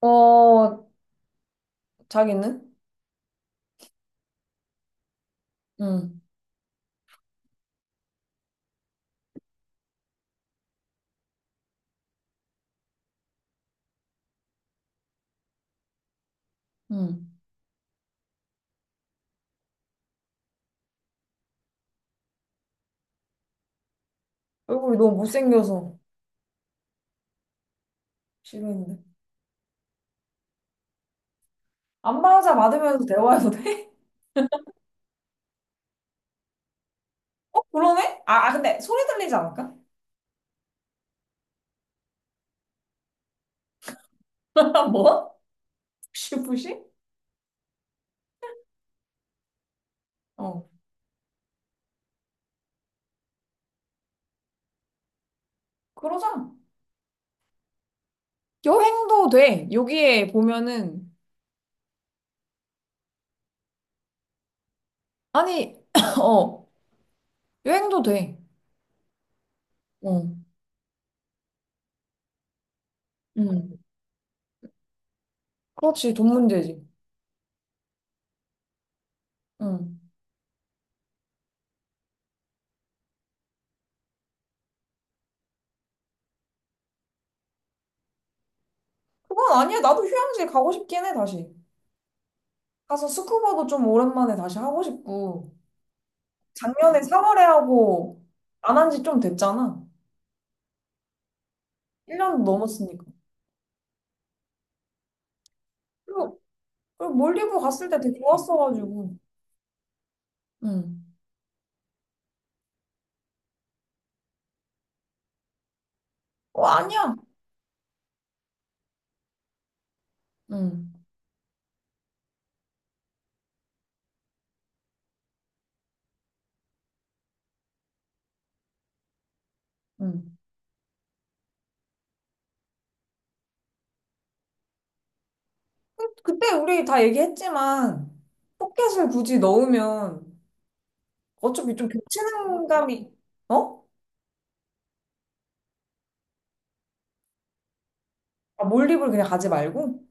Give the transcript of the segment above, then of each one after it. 어, 자기는? 응, 응. 얼굴이 너무 못생겨서 싫어했는데. 안마자 받으면서 대화해도 돼? 어, 그러네? 근데 소리 들리지 않을까? 뭐? 푸시푸시? 어, 그러자. 여행도 돼. 여기에 보면은, 아니, 어, 여행도 돼. 어, 응, 그렇지, 돈 문제지. 응. 그건 아니야. 나도 휴양지 가고 싶긴 해, 다시. 가서 스쿠버도 좀 오랜만에 다시 하고 싶고. 작년에 4월에 하고 안 한지 좀 됐잖아. 1년 넘었으니까. 그리고, 그리고 몰디브 갔을 때 되게 좋았어가지고. 응. 어, 아니야. 응. 응. 그때 우리 다 얘기했지만 포켓을 굳이 넣으면 어차피 좀 겹치는 감이. 어? 아, 몰디브를 그냥 가지 말고?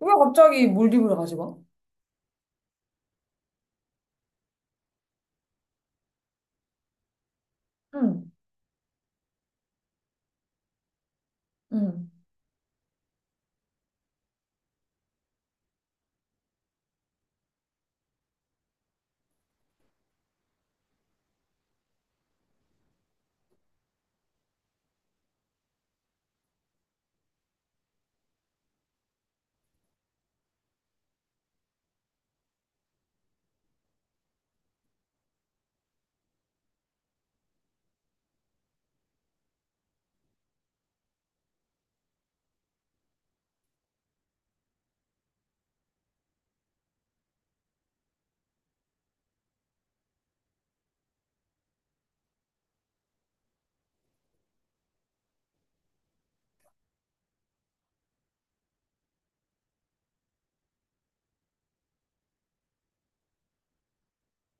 왜 갑자기 몰디브를 가지 마? 응. 응.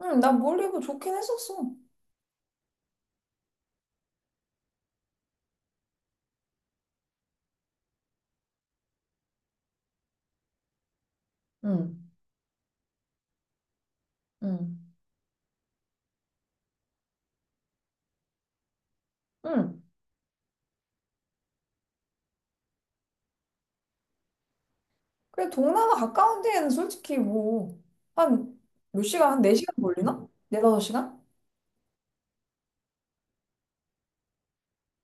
응, 난 몰디브 좋긴 했었어. 응. 응. 응. 그래, 동남아 가까운 데에는 솔직히 뭐, 한 몇 시간, 한 4시간 걸리나? 4, 5시간?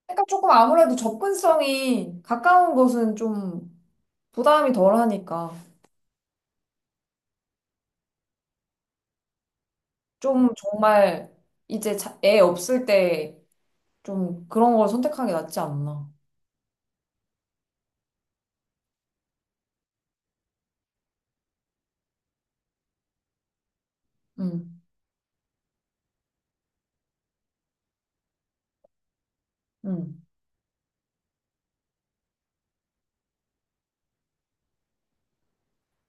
그러니까 조금 아무래도 접근성이 가까운 곳은 좀 부담이 덜 하니까. 좀 정말 이제 애 없을 때 좀 그런 걸 선택하는 게 낫지 않나. 응, 응,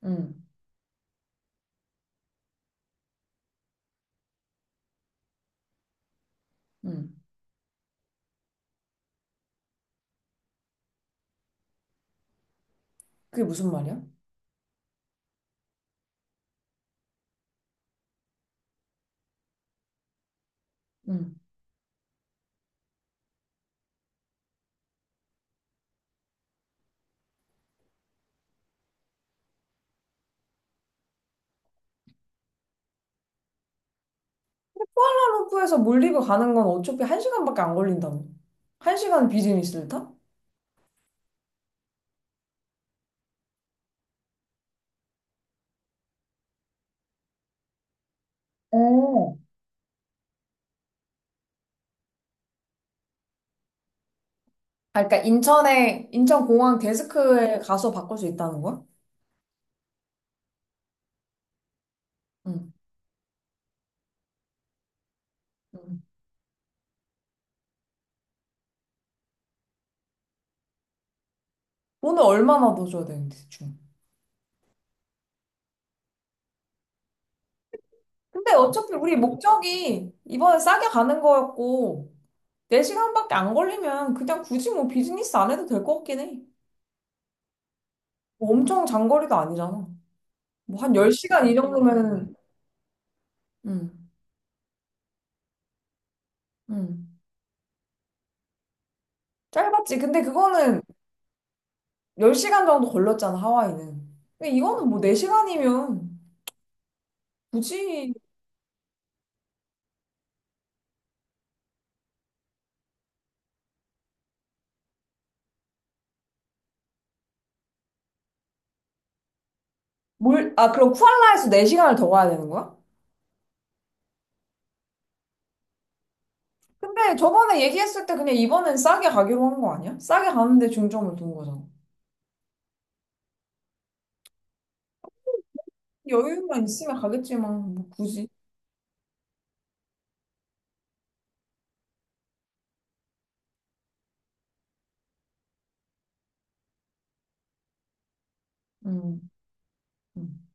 응, 응. 그게 무슨 말이야? 응. 쿠알라룸푸르에서 몰디브 가는 건 어차피 한 시간밖에 안 걸린다며. 한 시간 비즈니스를 타? 어. 아, 그러니까 인천에 인천공항 데스크에 가서 바꿀 수 있다는 거야? 응. 응. 돈을 얼마나 더 줘야 되는데 대충? 근데 어차피 우리 목적이 이번에 싸게 가는 거였고 4시간밖에 안 걸리면 그냥 굳이 뭐 비즈니스 안 해도 될 것 같긴 해. 뭐 엄청 장거리도 아니잖아. 뭐 한 10시간 이 정도면은. 응. 응. 짧았지. 근데 그거는 10시간 정도 걸렸잖아, 하와이는. 근데 이거는 뭐 4시간이면 굳이. 뭘, 아, 그럼 쿠알라에서 4시간을 더 가야 되는 거야? 근데 저번에 얘기했을 때 그냥 이번엔 싸게 가기로 한 거 아니야? 싸게 가는데 중점을 둔 거잖아. 여유만 있으면 가겠지만, 뭐 굳이. 음, 음.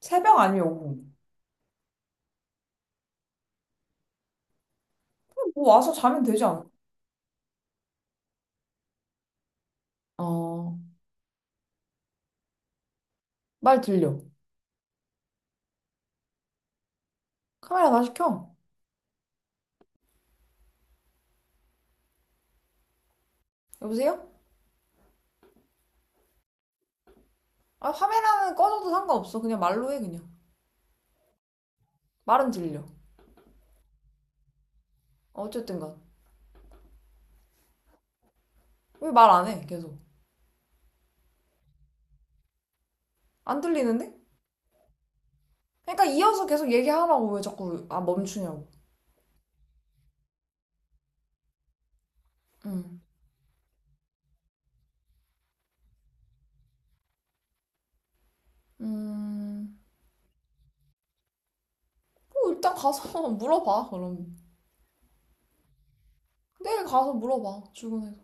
새벽 아니면 오후. 뭐 와서 자면 되지 않아? 어, 말 들려. 카메라 다시 켜. 여보세요? 아, 카메라는 꺼져도 상관없어. 그냥 말로 해, 그냥. 말은 들려. 어, 어쨌든 간. 왜 말 안 해, 계속. 안 들리는데? 그러니까 이어서 계속 얘기하라고. 왜 자꾸, 아, 멈추냐고. 음. 음, 뭐 일단 가서 물어봐, 그럼. 내일 가서 물어봐 출근해서.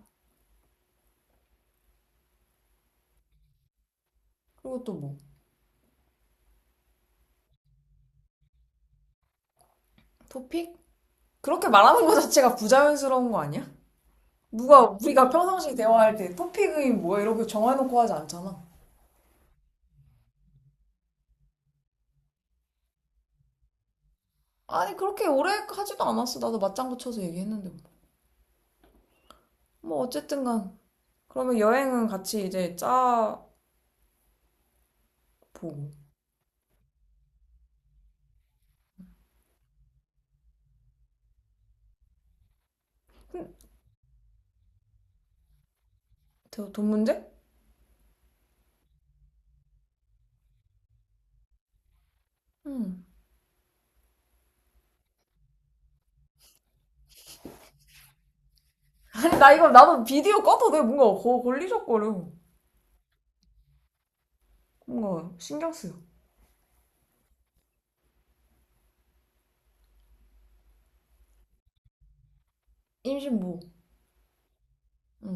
그리고 또 뭐. 토픽? 그렇게 말하는 거 자체가 부자연스러운 거 아니야? 누가 우리가 평상시 대화할 때 토픽이 뭐야 이렇게 정해놓고 하지 않잖아. 아니, 그렇게 오래 하지도 않았어. 나도 맞장구 쳐서 얘기했는데 뭐. 뭐 어쨌든 간, 그러면 여행은 같이 이제 짜보고. 음, 돈 문제? 응. 아니, 나 이거 나도 비디오 꺼도 돼. 뭔가 걸리적거려. 뭔가 신경 쓰여. 임신 뭐? 응.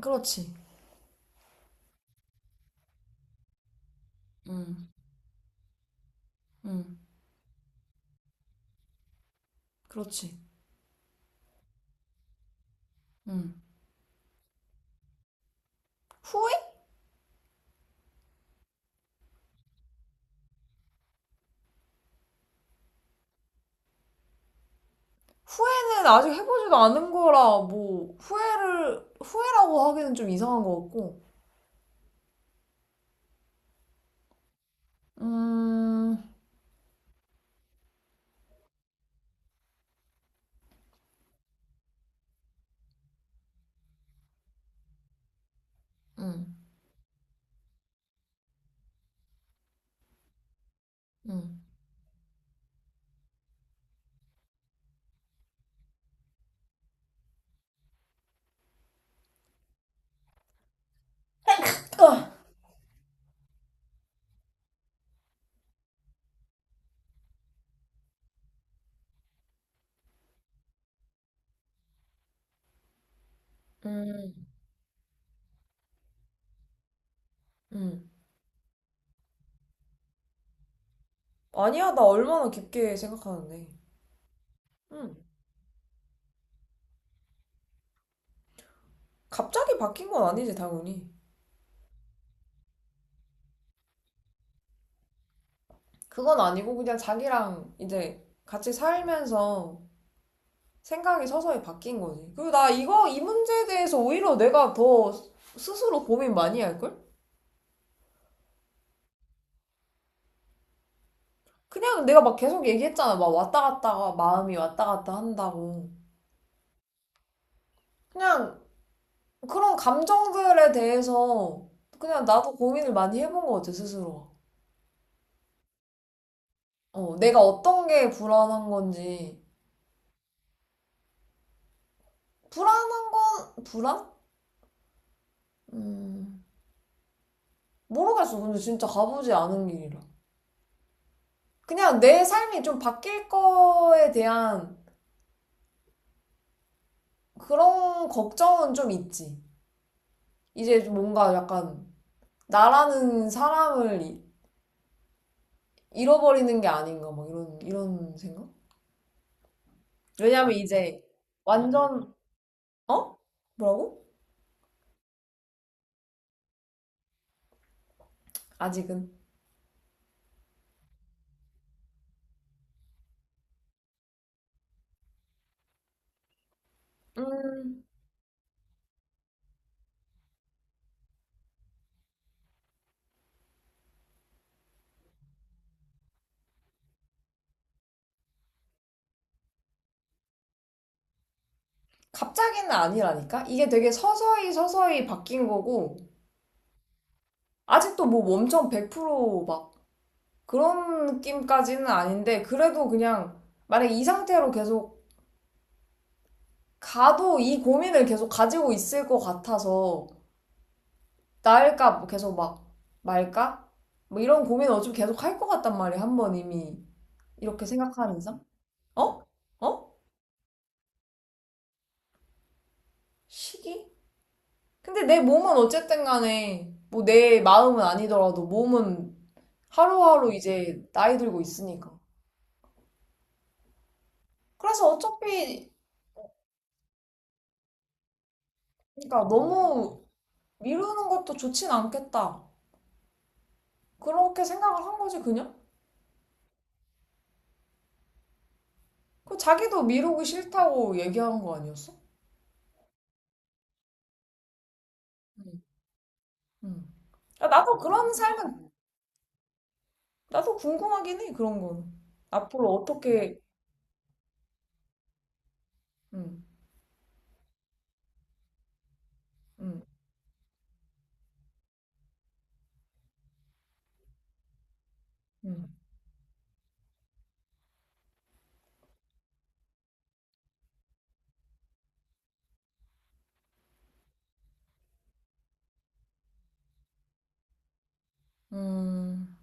그렇지. 응응. 그렇지. 응. 후회? 후회는 아직 해보지도 않은 거라 뭐 후회를 후회라고 하기는 좀 이상한 것 같고. 음, 음, 음, 음, 음. 아니야, 나 얼마나 깊게 생각하는데. 음. 갑자기 바뀐 건 아니지 당연히. 그건 아니고 그냥 자기랑 이제 같이 살면서 생각이 서서히 바뀐 거지. 그리고 나 이거 이 문제에 대해서 오히려 내가 더 스스로 고민 많이 할걸? 그냥 내가 막 계속 얘기했잖아. 막 왔다 갔다가 마음이 왔다 갔다 한다고. 그냥 그런 감정들에 대해서 그냥 나도 고민을 많이 해본 것 같아, 스스로. 어, 내가 어떤 게 불안한 건지. 불안한 건, 불안? 음, 모르겠어. 근데 진짜 가보지 않은 길이라. 그냥 내 삶이 좀 바뀔 거에 대한 그런 걱정은 좀 있지. 이제 좀 뭔가 약간 나라는 사람을 잃어버리는 게 아닌가, 막 이런 생각? 왜냐면 이제 완전, 어? 뭐라고? 아직은. 음, 갑자기는 아니라니까? 이게 되게 서서히 서서히 바뀐 거고, 아직도 뭐 엄청 100%막 그런 느낌까지는 아닌데, 그래도 그냥 만약에 이 상태로 계속 가도 이 고민을 계속 가지고 있을 것 같아서, 나을까, 뭐 계속 막 말까? 뭐 이런 고민을 어차피 계속 할 것 같단 말이야, 한 번 이미. 이렇게 생각하는 이상? 어? 어? 시기? 근데 내 몸은 어쨌든 간에, 뭐 내 마음은 아니더라도 몸은 하루하루 이제 나이 들고 있으니까. 그래서 어차피, 그러니까 너무 미루는 것도 좋진 않겠다. 그렇게 생각을 한 거지, 그냥? 그 자기도 미루기 싫다고 얘기한 거 아니었어? 응. 응. 야, 나도 그런 삶은, 나도 궁금하긴 해, 그런 건. 앞으로 어떻게, 응, 응, 응, 음,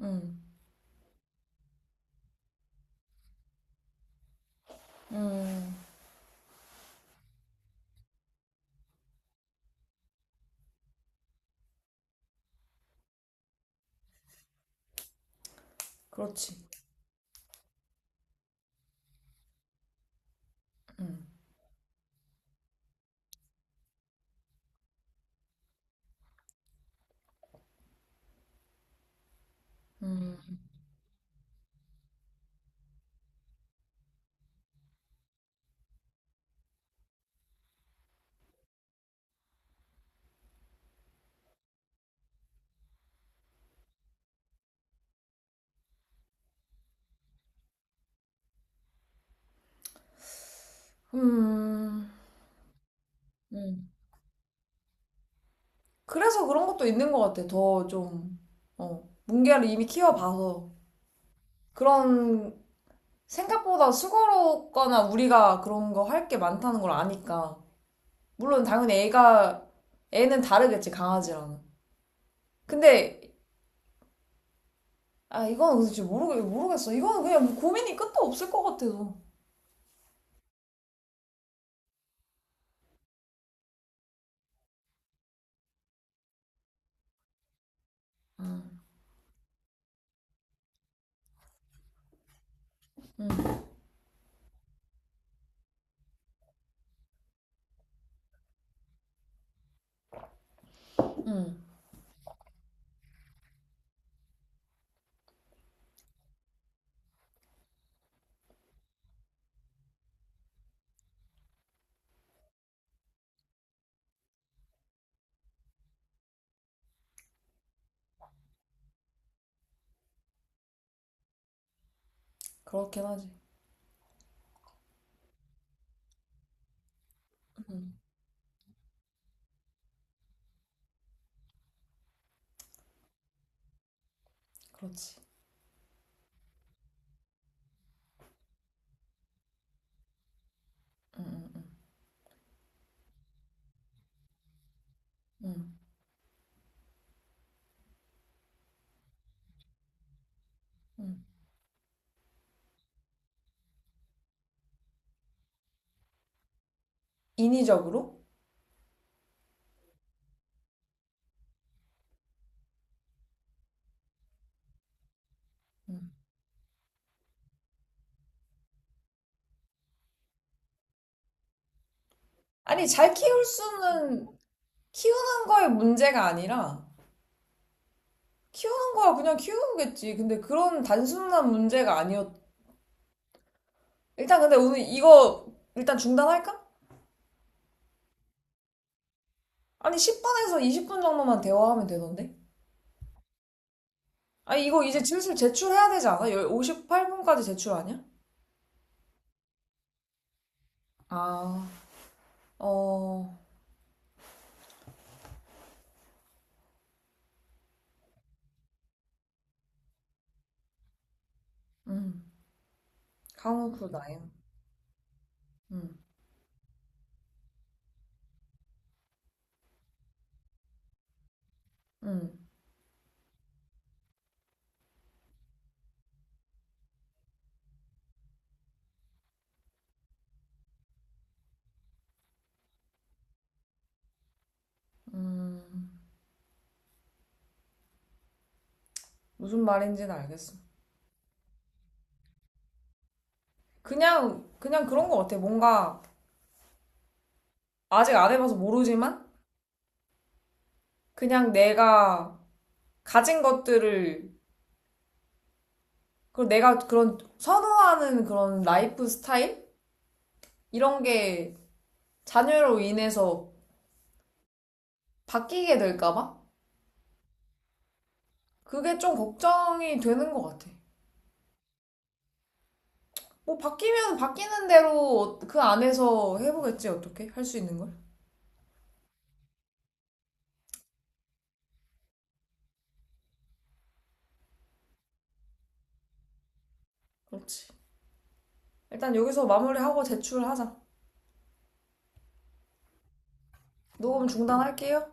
음, 음, 그렇지. 음, 음, 음, 음. 그래서 그런 것도 있는 것 같아. 더 좀, 어, 뭉게를 이미 키워봐서. 그런, 생각보다 수고롭거나 우리가 그런 거 할 게 많다는 걸 아니까. 물론 당연히 애가, 애는 다르겠지, 강아지랑은. 근데, 아, 이건 도대체 모르겠어. 이건 그냥 뭐 고민이 끝도 없을 것 같아서. 음, 그렇긴 하지. 응, 그렇지. 응응응응. 인위적으로? 응. 아니, 잘 키울 수는, 키우는 거에 문제가 아니라, 키우는 거야 그냥 키우겠지. 근데 그런 단순한 문제가 아니었. 일단 근데 오늘 이거 일단 중단할까? 아니, 10분에서 20분 정도만 대화하면 되던데? 아니, 이거 이제 슬슬 제출해야 되지 않아? 58분까지 제출 아니야? 아, 어, 음, 강우프 나요. 음, 음, 음, 무슨 말인지는 알겠어. 그냥 그런 것 같아. 뭔가 아직 안 해봐서 모르지만 그냥 내가 가진 것들을, 그리고 내가 그런 선호하는 그런 라이프 스타일? 이런 게 자녀로 인해서 바뀌게 될까봐? 그게 좀 걱정이 되는 것 같아. 뭐 바뀌면 바뀌는 대로 그 안에서 해보겠지, 어떻게? 할 수 있는 걸? 그렇지. 일단 여기서 마무리하고 제출하자. 녹음 중단할게요.